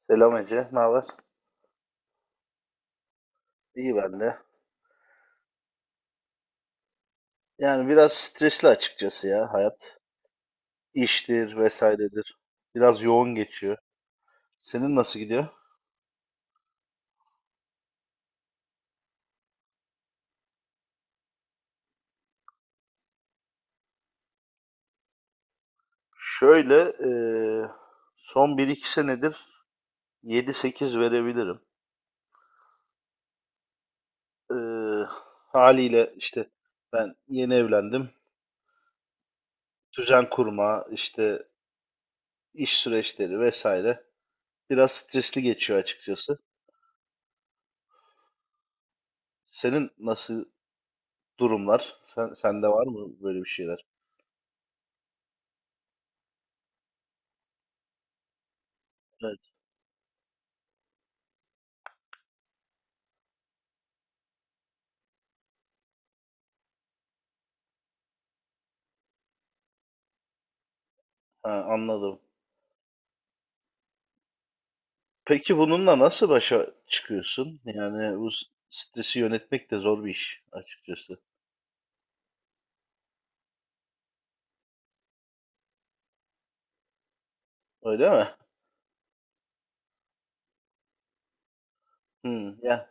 Selam Ece, ne haber? İyi ben de. Yani biraz stresli açıkçası ya hayat. İştir vesairedir. Biraz yoğun geçiyor. Senin nasıl gidiyor? Şöyle, son bir iki senedir yedi sekiz verebilirim. Eee, haliyle işte ben yeni evlendim. Düzen kurma, işte iş süreçleri vesaire. Biraz stresli geçiyor açıkçası. Senin nasıl durumlar? Sende var mı böyle bir şeyler? Evet. Ha, anladım. Peki bununla nasıl başa çıkıyorsun? Yani bu stresi yönetmek de zor bir iş açıkçası. Öyle mi? Hmm, ya,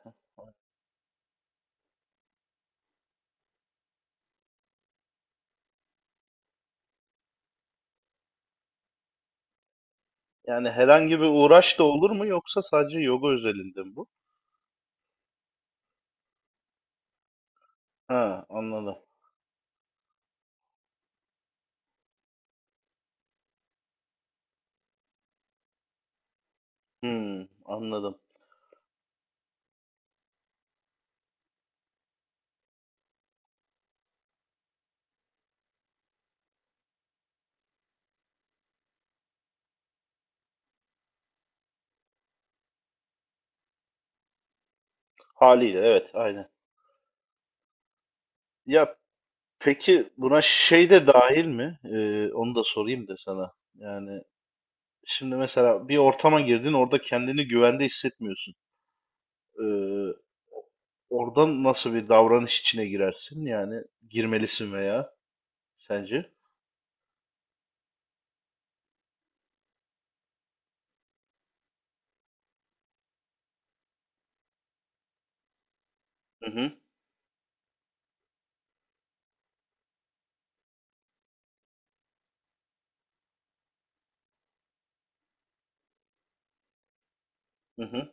yani herhangi bir uğraş da olur mu yoksa sadece yoga özelinde mi bu? Ha, anladım. Hmm, anladım. Haliyle evet, aynen. Ya peki buna şey de dahil mi? Onu da sorayım da sana. Yani şimdi mesela bir ortama girdin, orada kendini güvende hissetmiyorsun. Ee, Oradan nasıl bir davranış içine girersin? Yani girmelisin veya sence? Hı hı, hı hı.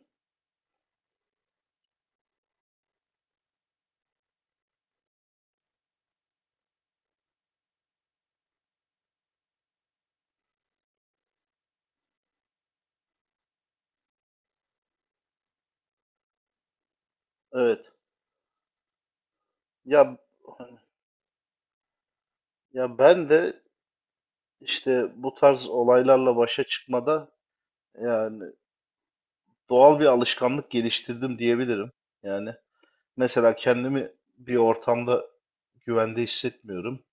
Evet. Ya hani- ya ben de işte bu tarz olaylarla başa çıkmada yani doğal bir alışkanlık geliştirdim diyebilirim. Yani mesela kendimi bir ortamda güvende hissetmiyorum.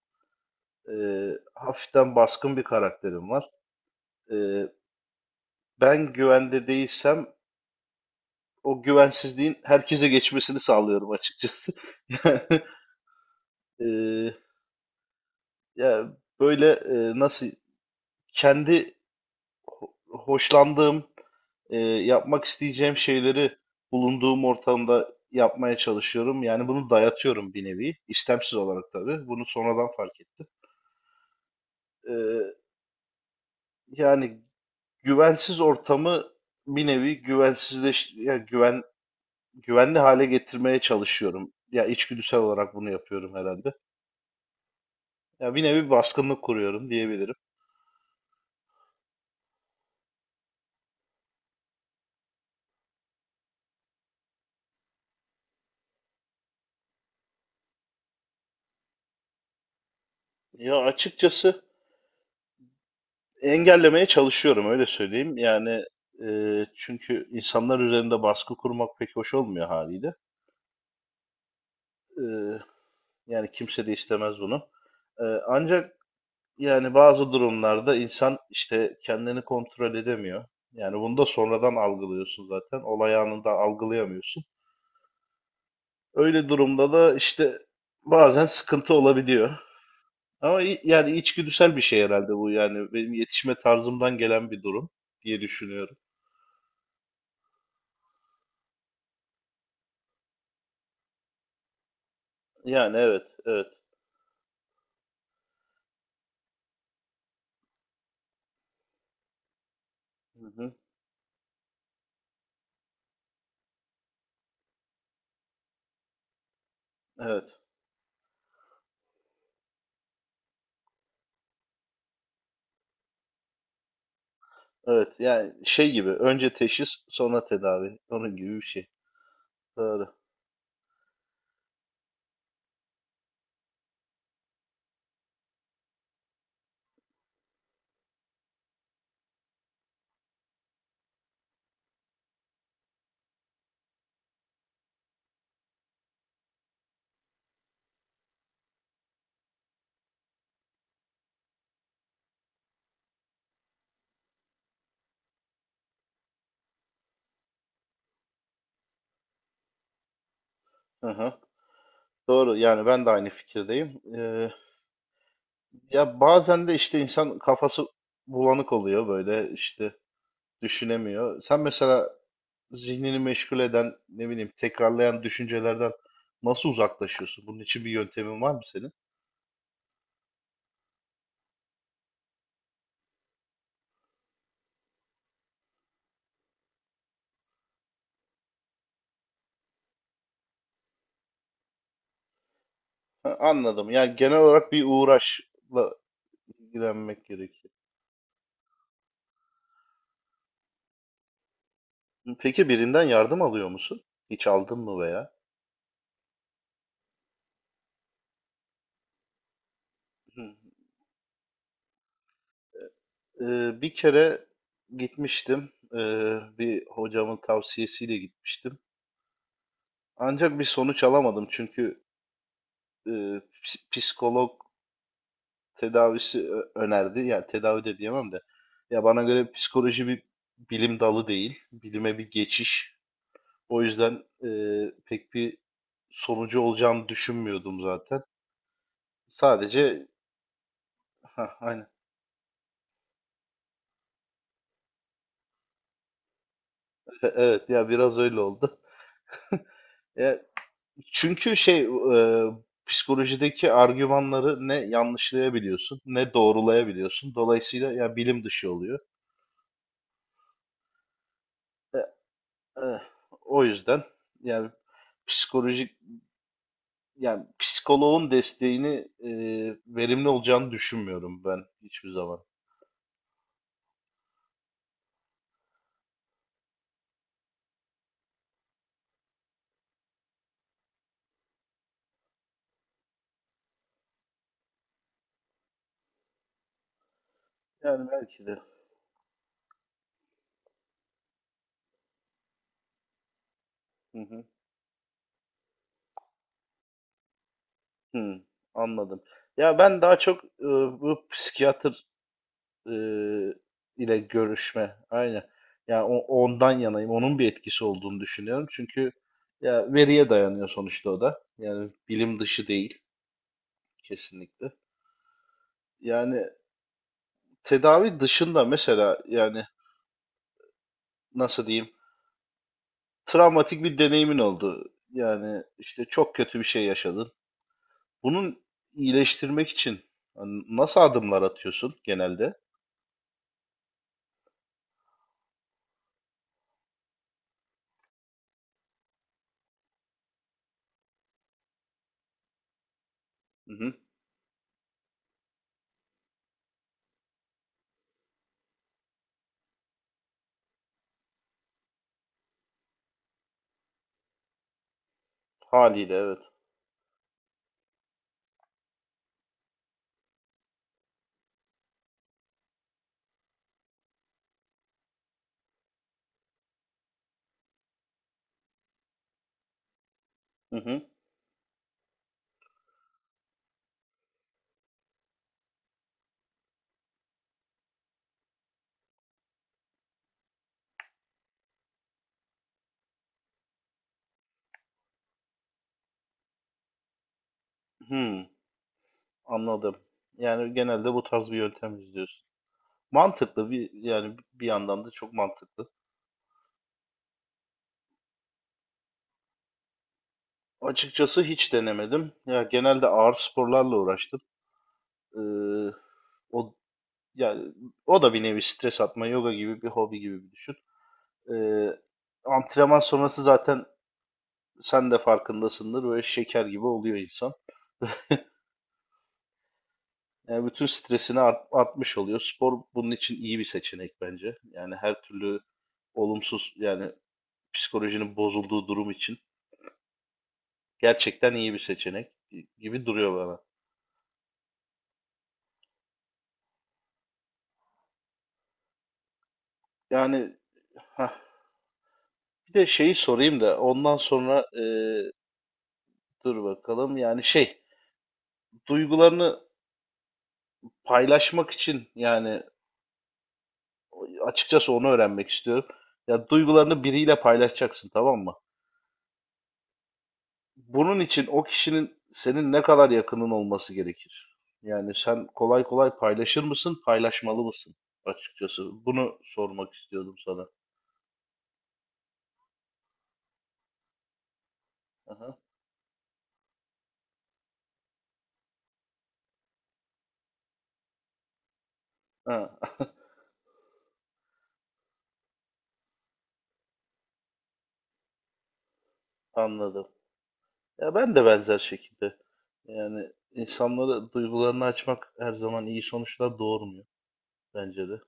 Hafiften baskın bir karakterim var. Ee, Ben güvende değilsem o güvensizliğin herkese geçmesini sağlıyorum açıkçası. Yani, e, ya böyle nasıl kendi ho- hoşlandığım, yapmak isteyeceğim şeyleri bulunduğum ortamda yapmaya çalışıyorum. Yani bunu dayatıyorum bir nevi. İstemsiz olarak tabii. Bunu sonradan fark ettim. E, yani güvensiz ortamı bir nevi güven güvenli hale getirmeye çalışıyorum. Ya içgüdüsel olarak bunu yapıyorum herhalde. Ya bir nevi baskınlık kuruyorum diyebilirim. Ya açıkçası engellemeye çalışıyorum öyle söyleyeyim. Yani e, çünkü insanlar üzerinde baskı kurmak pek hoş olmuyor haliyle. E, Yani kimse de istemez bunu. Ancak yani bazı durumlarda insan işte kendini kontrol edemiyor. Yani bunu da sonradan algılıyorsun zaten. Olay anında algılayamıyorsun. Öyle durumda da işte bazen sıkıntı olabiliyor. Ama yani içgüdüsel bir şey herhalde bu yani benim yetişme tarzımdan gelen bir durum diye düşünüyorum. Yani evet, evet. Hı hı, evet, evet. Yani şey gibi önce teşhis sonra tedavi. Onun gibi bir şey. Doğru. Hı hı. Doğru. Yani ben de aynı fikirdeyim. Ya bazen de işte insan kafası bulanık oluyor böyle işte düşünemiyor. Sen mesela zihnini meşgul eden ne bileyim tekrarlayan düşüncelerden nasıl uzaklaşıyorsun? Bunun için bir yöntemin var mı senin? Ha, anladım. Yani genel olarak bir uğraşla ilgilenmek gerekiyor. Peki birinden yardım alıyor musun? Hiç aldın mı veya? Hı. Bir kere gitmiştim. Bir hocamın tavsiyesiyle gitmiştim. Ancak bir sonuç alamadım çünkü psikolog tedavisi önerdi. Yani tedavi de diyemem de. Ya bana göre psikoloji bir bilim dalı değil. Bilime bir geçiş. O yüzden pek bir sonucu olacağını düşünmüyordum zaten. Sadece hah, aynen. Evet ya biraz öyle oldu. Ya, çünkü şey e, psikolojideki argümanları ne yanlışlayabiliyorsun ne doğrulayabiliyorsun. Dolayısıyla ya bilim dışı oluyor. E, e, o yüzden yani psikolojik yani psikoloğun desteğini e, verimli olacağını düşünmüyorum ben hiçbir zaman. Yani belki de. Hı hı. Hı, anladım. Ya ben daha çok bu psikiyatr eee, ile görüşme. Aynen. Ya ondan yanayım. Onun bir etkisi olduğunu düşünüyorum. Çünkü ya veriye dayanıyor sonuçta o da. Yani bilim dışı değil kesinlikle. Yani tedavi dışında mesela yani nasıl diyeyim? Travmatik bir deneyimin oldu. Yani işte çok kötü bir şey yaşadın. Bunun iyileştirmek için hani nasıl adımlar atıyorsun genelde? Hı hı. Haliyle evet. Hı hı. Hı. Anladım. Yani genelde bu tarz bir yöntem izliyorsun. Mantıklı bir yani bir yandan da çok mantıklı. Açıkçası hiç denemedim. Ya genelde ağır sporlarla uğraştım. Ee, o yani o da bir nevi stres atma, yoga gibi bir hobi gibi bir düşün. Ee, antrenman sonrası zaten sen de farkındasındır böyle şeker gibi oluyor insan. Yani bütün stresini atmış oluyor. Spor bunun için iyi bir seçenek bence. Yani her türlü olumsuz yani psikolojinin bozulduğu durum için. Gerçekten iyi bir seçenek gibi duruyor bana. Yani hah, bir de şeyi sorayım da ondan sonra dur bakalım. Yani şey duygularını paylaşmak için yani açıkçası onu öğrenmek istiyorum. Ya duygularını biriyle paylaşacaksın tamam mı? Bunun için o kişinin senin ne kadar yakının olması gerekir? Yani sen kolay kolay paylaşır mısın, paylaşmalı mısın? Açıkçası bunu sormak istiyordum sana. Aha. Ha, anladım. Ya ben de benzer şekilde. Yani insanlara duygularını açmak her zaman iyi sonuçlar doğurmuyor bence de.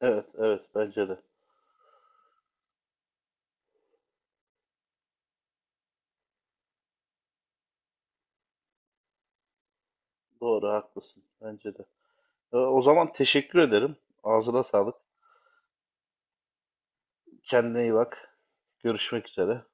Evet, evet bence de. Doğru, haklısın. Bence de. O zaman teşekkür ederim. Ağzına sağlık. Kendine iyi bak. Görüşmek üzere.